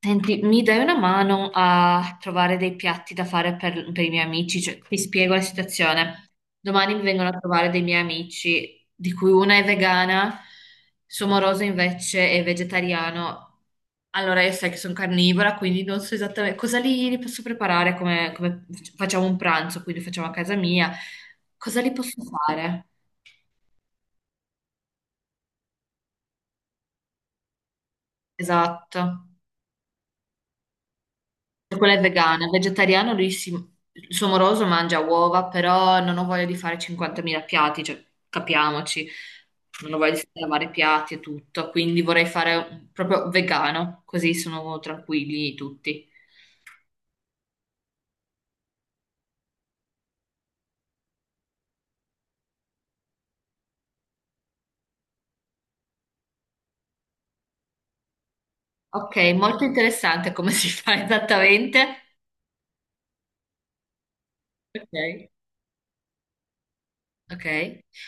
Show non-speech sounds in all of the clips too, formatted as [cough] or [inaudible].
Senti, mi dai una mano a trovare dei piatti da fare per i miei amici? Cioè, ti spiego la situazione. Domani mi vengono a trovare dei miei amici, di cui una è vegana, suo moroso invece è vegetariano. Allora, io sai che sono carnivora, quindi non so esattamente cosa li posso preparare, come facciamo un pranzo, quindi lo facciamo a casa mia. Cosa li posso fare? Esatto. Cioè, quella è vegana, vegetariano lui si, il suo moroso mangia uova, però non ho voglia di fare 50.000 piatti, cioè capiamoci, non ho voglia di lavare i piatti e tutto, quindi vorrei fare proprio vegano, così sono tranquilli tutti. Ok, molto interessante come [laughs] si fa esattamente. Ok. Ok,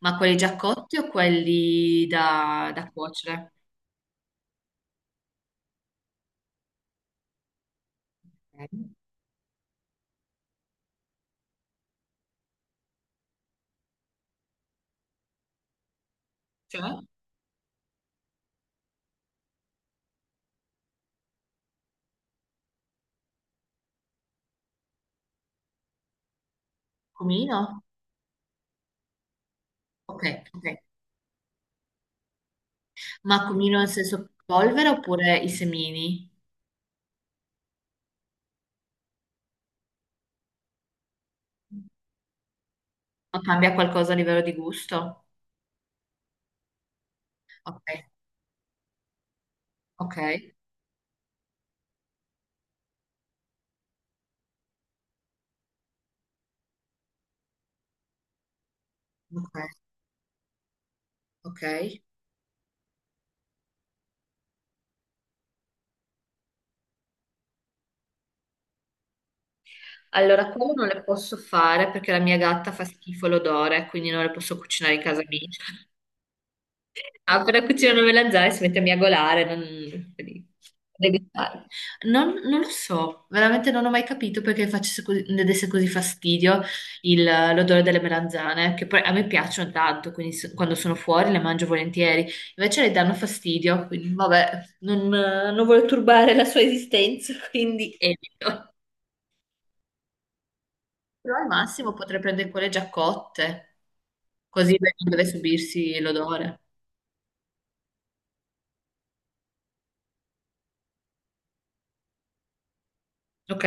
ma quelli già cotti o quelli da cuocere? Ok. Cioè, cumino? Ok, ok. Ma cumino nel senso polvere oppure i semini? Ma cambia qualcosa a livello di gusto? Ok, ok, ok, ok. Allora, quello non le posso fare perché la mia gatta fa schifo l'odore, quindi non le posso cucinare in casa mia. Apre la cucina non me la e si mette a miagolare, non... quindi, a degustare. Non lo so, veramente non ho mai capito perché facesse così, ne desse così fastidio l'odore delle melanzane, che poi a me piacciono tanto, quindi quando sono fuori le mangio volentieri, invece le danno fastidio, quindi vabbè, non voglio turbare la sua esistenza, [laughs] quindi evito. Però al massimo potrei prendere quelle già cotte, così non deve subirsi l'odore. Ok?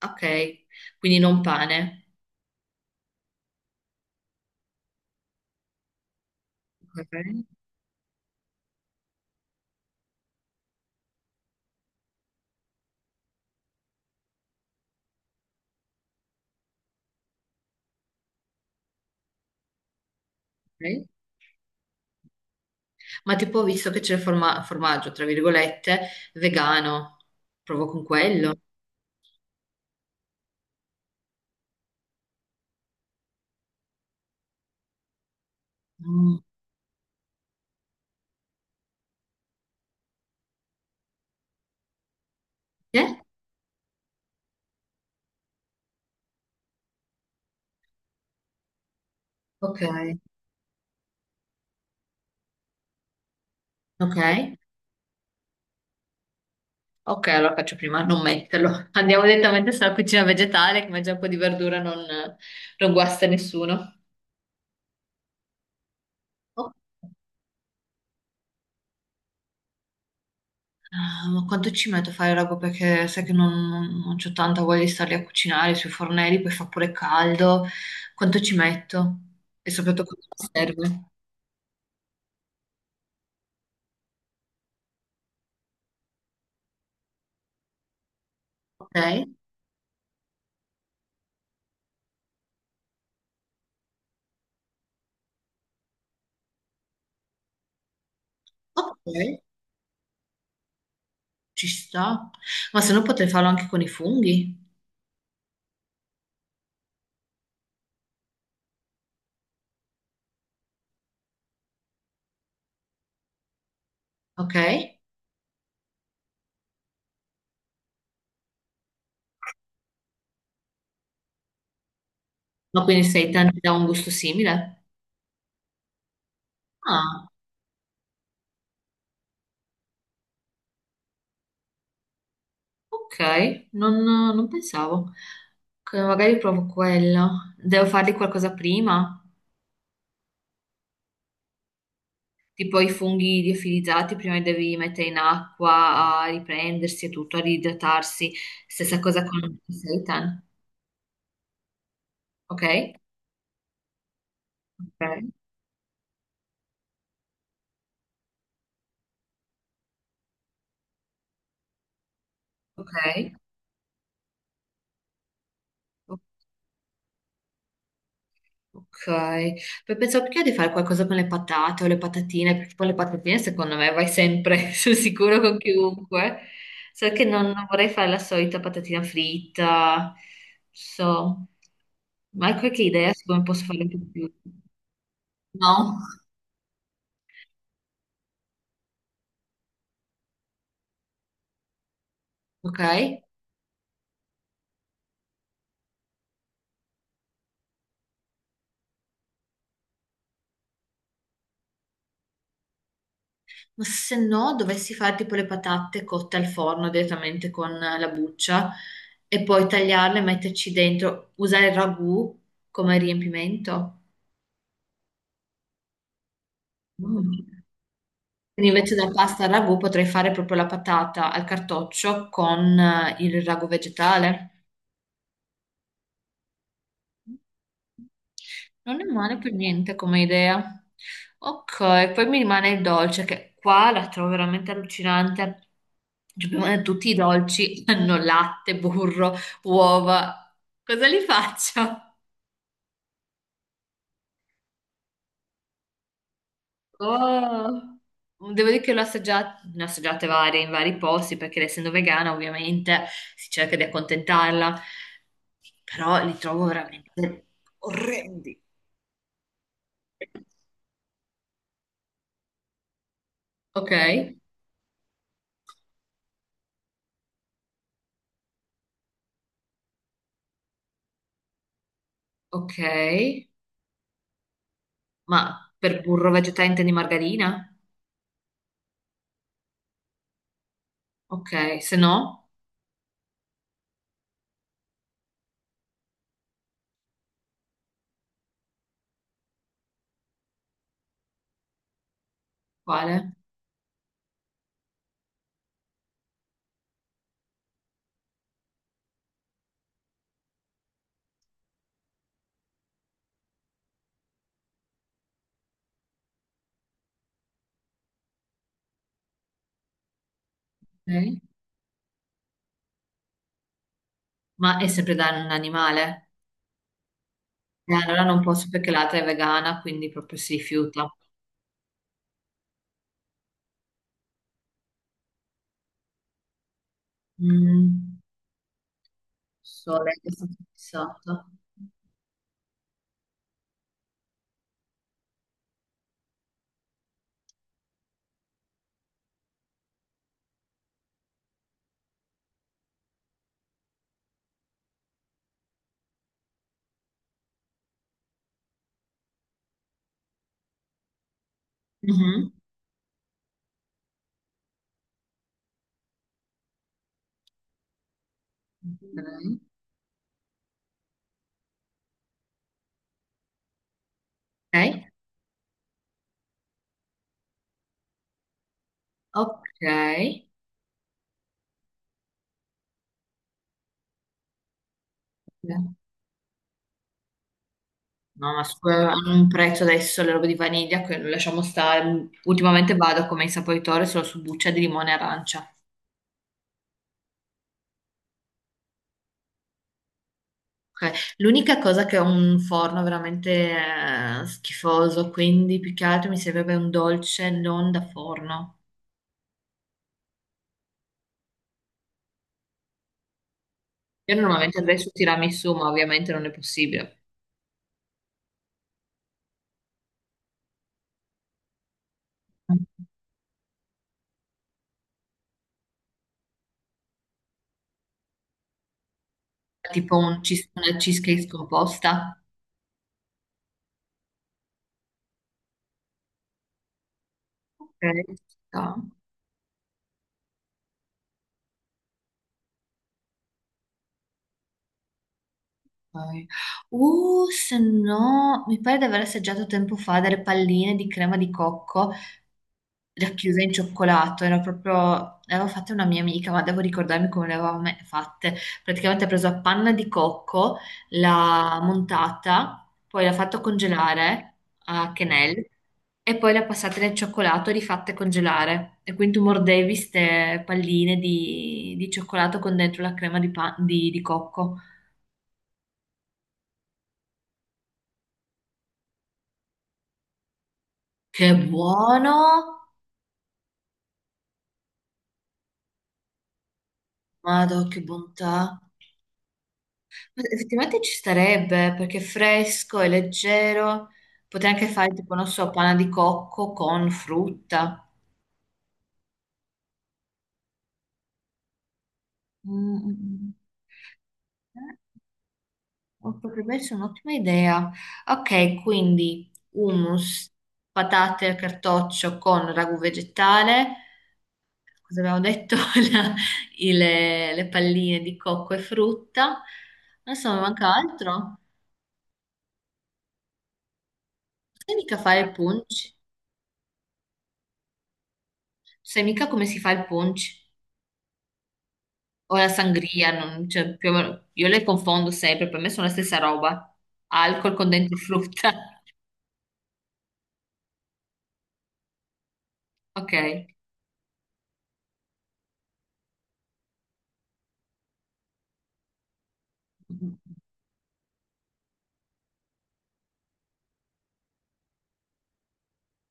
Ok, quindi non pane. Ok, ok. Ma tipo ho visto che c'è il formaggio, tra virgolette, vegano. Provo con quello. Mm. Sì? Ok, ok. Ok, allora faccio prima a non metterlo. [laughs] Andiamo direttamente sulla cucina vegetale, che mangia un po' di verdura non guasta nessuno. Oh. Ah, ma quanto ci metto a fare roba? Perché sai che non c'ho tanta voglia di starli a cucinare sui fornelli, poi fa pure caldo. Quanto ci metto? E soprattutto quanto mi serve? Ok, ok, ci sto. Ma se no potrei farlo anche con i funghi, ok? Ma quindi sei tanti da un gusto simile? Ah, ok, non pensavo. Ok, magari provo quello. Devo fargli qualcosa prima? Tipo i funghi liofilizzati, prima li devi mettere in acqua a riprendersi e tutto, a riidratarsi. Stessa cosa con il seitan, ok? Ok, ok, ok. Ok, poi pensavo perché di fare qualcosa con le patate o le patatine, perché poi le patatine secondo me vai sempre [laughs] sul sicuro con chiunque. Solo che non vorrei fare la solita patatina fritta, so, ma hai qualche idea su come posso fare un po' più? No? Ok, ma se no dovessi fare tipo le patate cotte al forno direttamente con la buccia e poi tagliarle e metterci dentro, usare il ragù come riempimento. Mm. Quindi invece della pasta al ragù potrei fare proprio la patata al cartoccio con il ragù vegetale. Non è male per niente come idea. Ok, poi mi rimane il dolce che qua la trovo veramente allucinante. Cioè, prima di tutti i dolci [laughs] hanno latte, burro, uova. Cosa li faccio? Oh. Devo dire che l'ho assaggiata, ne ho assaggiate varie in vari posti perché essendo vegana ovviamente si cerca di accontentarla, però li trovo veramente orrendi. Ok, ok, ma per burro vegetale intendi margarina? Ok, se no, quale? Ok. Ma è sempre da un animale? Allora non posso perché l'altra è vegana, quindi proprio si rifiuta. Mm. So, lei che è stata fissata. Mhm. Ok. Ok. No, ma scusa, hanno un prezzo adesso le robe di vaniglia, che lasciamo stare. Ultimamente vado come insaporitore solo su buccia di limone e arancia. Ok. L'unica cosa che ho un forno veramente schifoso, quindi più che altro mi servirebbe un dolce non da forno. Io normalmente andrei su tiramisù, ma ovviamente non è possibile. Tipo un una cheesecake scomposta. Ok. Ci sta. Poi- se no, mi pare di aver assaggiato tempo fa delle palline di crema di cocco racchiuse in cioccolato. Era proprio, le avevo fatte una mia amica, ma devo ricordarmi come le fatte. Praticamente ha preso a panna di cocco, l'ha montata, poi l'ha fatto congelare a quenelle e poi l'ha passata nel cioccolato e rifatte congelare. E quindi tu mordevi queste palline di cioccolato con dentro la crema di, pa- di cocco. Che buono! Madò, che bontà! Ma effettivamente ci starebbe perché è fresco, è leggero. Potrei anche fare tipo, non so, panna di cocco con frutta. Mm, mm, mm. Potrebbe essere un'ottima idea. Ok, quindi hummus, patate al cartoccio con ragù vegetale. Cosa abbiamo detto? [laughs] La- le palline di cocco e frutta. Non so, mi manca altro? Sai mica fare il punch? Sai mica come si fa il punch? O la sangria, non- cioè, più o meno- io le confondo sempre, per me sono la stessa roba. Alcol con dentro frutta. [laughs] Ok.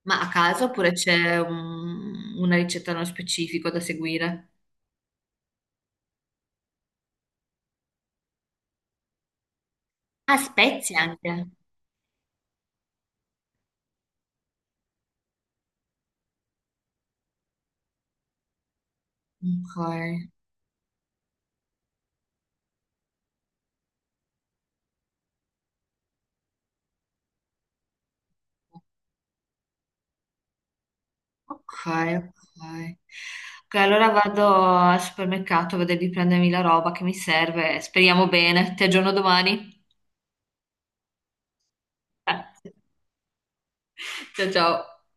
Ma a caso oppure c'è una ricetta nello specifico da seguire? Ah, spezie anche. Ok, ok, ok. Ok, allora vado al supermercato a vedere di prendermi la roba che mi serve. Speriamo bene. Ti aggiorno domani. [laughs] Ciao ciao.